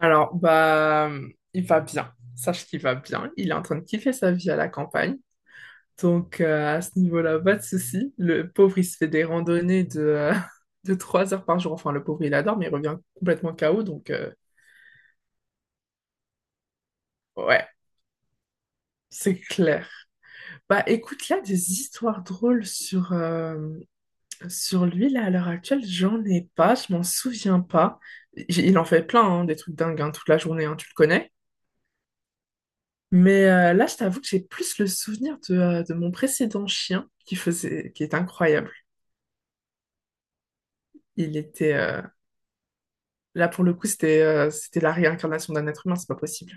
Alors, bah, il va bien. Sache qu'il va bien. Il est en train de kiffer sa vie à la campagne. Donc, à ce niveau-là, pas de souci. Le pauvre, il se fait des randonnées de 3 heures par jour. Enfin, le pauvre, il adore, mais il revient complètement KO. Donc, ouais, c'est clair. Bah, écoute, là, des histoires drôles sur lui, là, à l'heure actuelle, j'en ai pas. Je m'en souviens pas. Il en fait plein, hein, des trucs dingues, hein, toute la journée, hein, tu le connais. Mais là, je t'avoue que j'ai plus le souvenir de mon précédent chien qui est incroyable. Il était là pour le coup, c'était la réincarnation d'un être humain, c'est pas possible.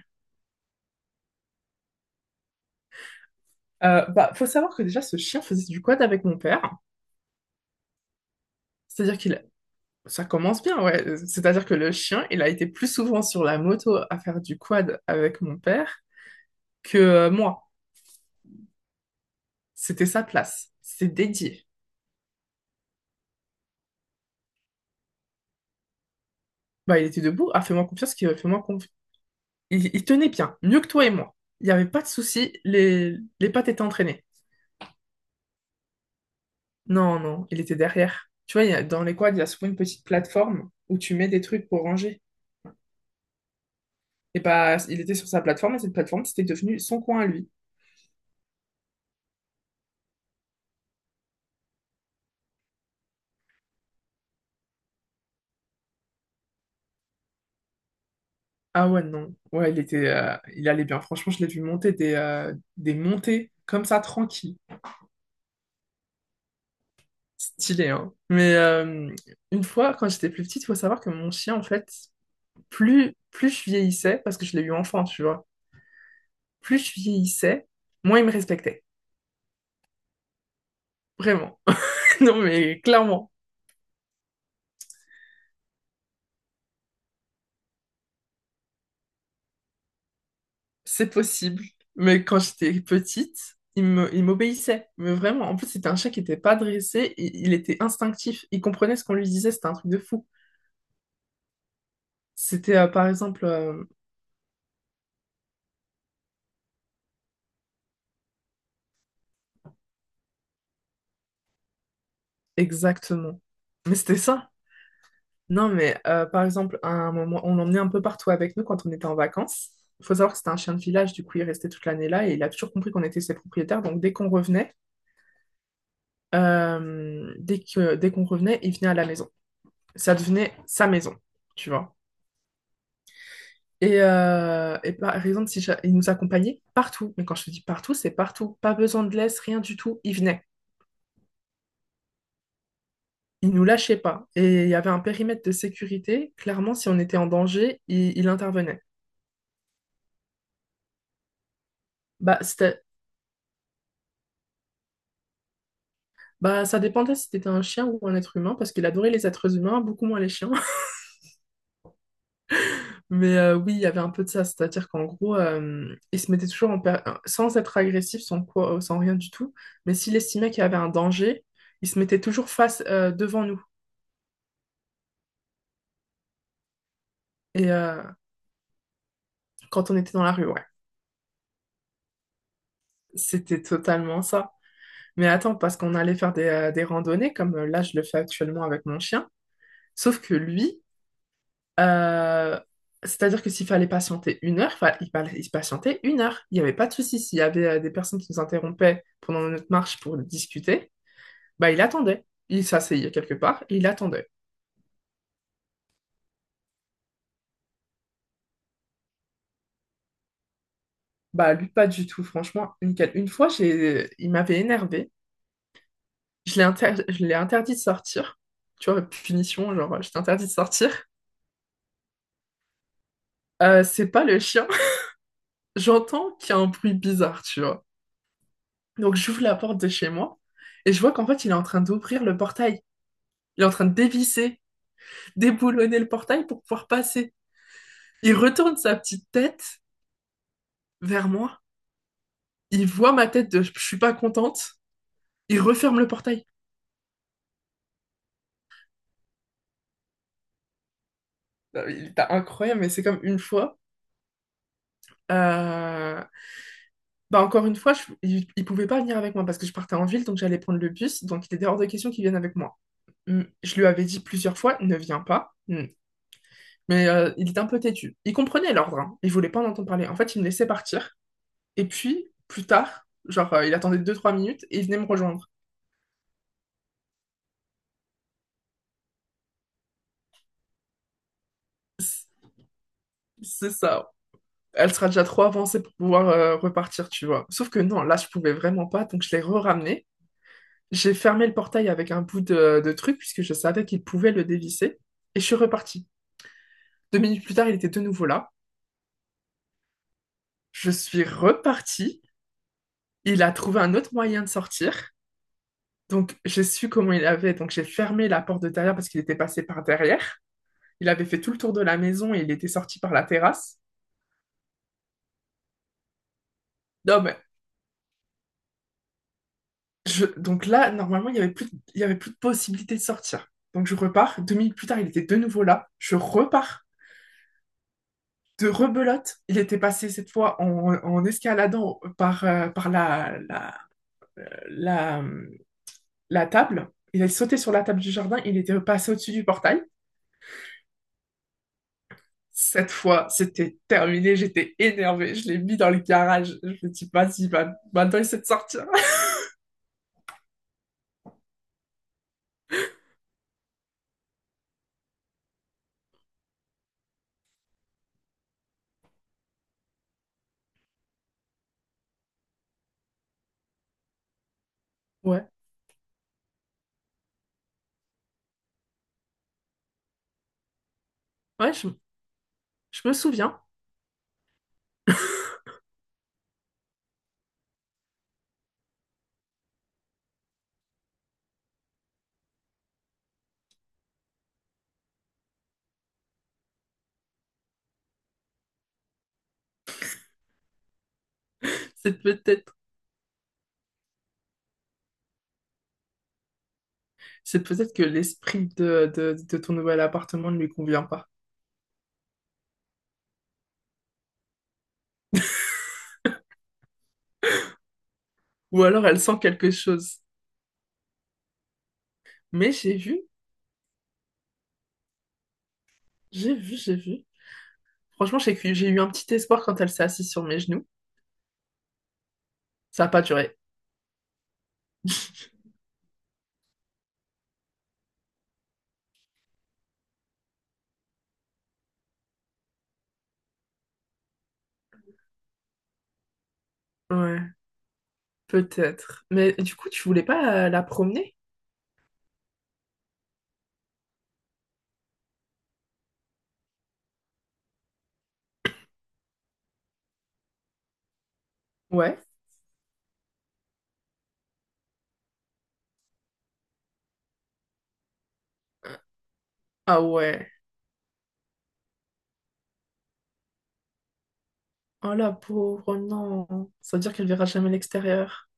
Bah, faut savoir que déjà, ce chien faisait du quad avec mon père. C'est-à-dire qu'il, Ça commence bien, ouais. C'est-à-dire que le chien, il a été plus souvent sur la moto à faire du quad avec mon père que moi. C'était sa place, c'est dédié. Bah, il était debout. Ah, fais-moi confiance, fais-moi confiance. Il tenait bien, mieux que toi et moi. Il n'y avait pas de souci, les pattes étaient entraînées. Non, non, il était derrière. Tu vois, dans les quads, il y a souvent une petite plateforme où tu mets des trucs pour ranger. Et bah, il était sur sa plateforme et cette plateforme, c'était devenu son coin à lui. Ah ouais, non. Ouais, il allait bien. Franchement, je l'ai vu monter des montées comme ça, tranquille. Stylé, hein. Mais une fois, quand j'étais plus petite, il faut savoir que mon chien, en fait, plus je vieillissais, parce que je l'ai eu enfant, tu vois, plus je vieillissais, moins ils me respectaient. Vraiment. Non, mais clairement, c'est possible. Mais quand j'étais petite, il m'obéissait. Mais vraiment, en plus, c'était un chat qui n'était pas dressé. Il était instinctif. Il comprenait ce qu'on lui disait. C'était un truc de fou. C'était, par exemple, exactement. Mais c'était ça. Non, mais par exemple, à un moment, on l'emmenait un peu partout avec nous quand on était en vacances. Il faut savoir que c'était un chien de village, du coup, il restait toute l'année là et il a toujours compris qu'on était ses propriétaires. Dès qu'on revenait, il venait à la maison. Ça devenait sa maison, tu vois. Et par exemple, si j'a- il nous accompagnait partout. Mais quand je te dis partout, c'est partout. Pas besoin de laisse, rien du tout. Il venait. Il nous lâchait pas. Et il y avait un périmètre de sécurité. Clairement, si on était en danger, il intervenait. Bah, ça dépendait si c'était un chien ou un être humain, parce qu'il adorait les êtres humains, beaucoup moins les chiens. Mais oui, il y avait un peu de ça, c'est-à-dire qu'en gros, il se mettait toujours sans être agressif, sans quoi, sans rien du tout, mais s'il estimait qu'il y avait un danger, il se mettait toujours face devant nous. Et quand on était dans la rue, ouais, c'était totalement ça. Mais attends, parce qu'on allait faire des randonnées, comme là je le fais actuellement avec mon chien, sauf que lui, euh, c'est-à-dire que s'il fallait patienter 1 heure, il patientait 1 heure. Il n'y avait pas de souci s'il y avait des personnes qui nous interrompaient pendant notre marche pour discuter. Bah, il attendait. Il s'asseyait quelque part et il attendait. Bah, lui, pas du tout, franchement, nickel. Une fois, il m'avait énervé. Je l'ai interdit de sortir. Tu vois, punition, genre, je t'ai interdit de sortir. C'est pas le chien. J'entends qu'il y a un bruit bizarre, tu vois. Donc, j'ouvre la porte de chez moi et je vois qu'en fait, il est en train d'ouvrir le portail. Il est en train de dévisser, déboulonner le portail pour pouvoir passer. Il retourne sa petite tête vers moi. Il voit ma tête de je suis pas contente. Il referme le portail. Non, mais il était incroyable, mais c'est comme une fois. euh, Bah encore une fois, il pouvait pas venir avec moi parce que je partais en ville, donc j'allais prendre le bus, donc il était hors de question qu'il vienne avec moi. Je lui avais dit plusieurs fois, ne viens pas. Mm. Mais il était un peu têtu. Il comprenait l'ordre, hein. Il voulait pas en entendre parler. En fait, il me laissait partir. Et puis, plus tard, genre, il attendait 2 3 minutes et il venait me rejoindre. C'est ça. Elle sera déjà trop avancée pour pouvoir repartir, tu vois. Sauf que non, là, je pouvais vraiment pas, donc je l'ai re-ramené. J'ai fermé le portail avec un bout de truc puisque je savais qu'il pouvait le dévisser et je suis repartie. 2 minutes plus tard, il était de nouveau là. Je suis repartie. Il a trouvé un autre moyen de sortir. Donc, j'ai su comment il avait. Donc, j'ai fermé la porte de derrière parce qu'il était passé par derrière. Il avait fait tout le tour de la maison et il était sorti par la terrasse. Non, mais donc là, normalement, il y avait plus de possibilité de sortir. Donc, je repars. 2 minutes plus tard, il était de nouveau là. Je repars de rebelote. Il était passé cette fois en escaladant par la, la table. Il a sauté sur la table du jardin, il était passé au-dessus du portail. Cette fois, c'était terminé, j'étais énervée, je l'ai mis dans le garage. Je me dis, vas-y, maintenant il sait de sortir. Ouais, ouais, je me souviens. C'est peut-être, c'est peut-être que l'esprit de ton nouvel appartement ne lui convient pas. Ou alors elle sent quelque chose. Mais j'ai vu. Franchement, j'ai eu un petit espoir quand elle s'est assise sur mes genoux. Ça n'a pas duré. Ouais, peut-être. Mais du coup, tu voulais pas la promener? Ouais. Ah ouais. Oh la pauvre, non. Ça veut dire qu'elle verra jamais l'extérieur.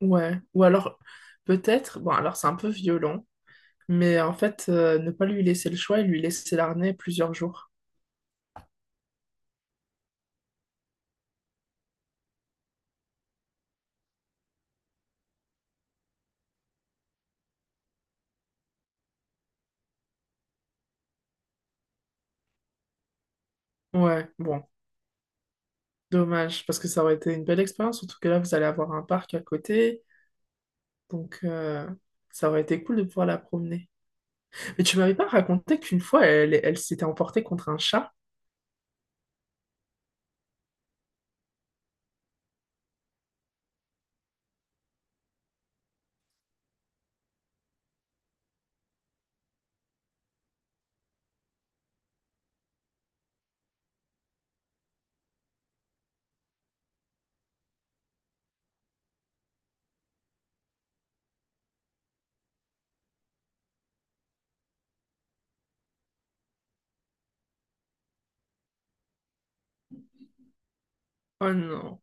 Ouais. Ou alors, peut-être. Bon, alors c'est un peu violent. Mais en fait, ne pas lui laisser le choix et lui laisser l'arnée plusieurs jours. Ouais, bon, dommage, parce que ça aurait été une belle expérience, surtout que là, vous allez avoir un parc à côté, donc ça aurait été cool de pouvoir la promener. Mais tu m'avais pas raconté qu'une fois, elle s'était emportée contre un chat? Oh non.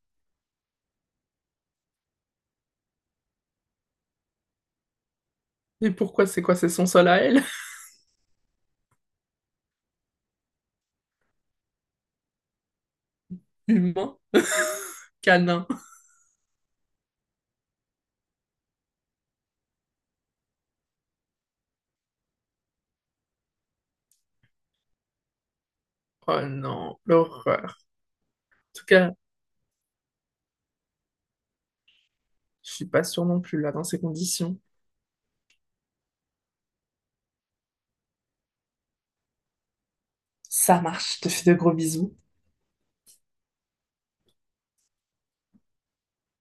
Et pourquoi c'est quoi? C'est son sol à elle? Humain? Canin? Oh non, l'horreur. En tout cas, je suis pas sûre non plus là dans ces conditions. Ça marche, je te fais de gros bisous.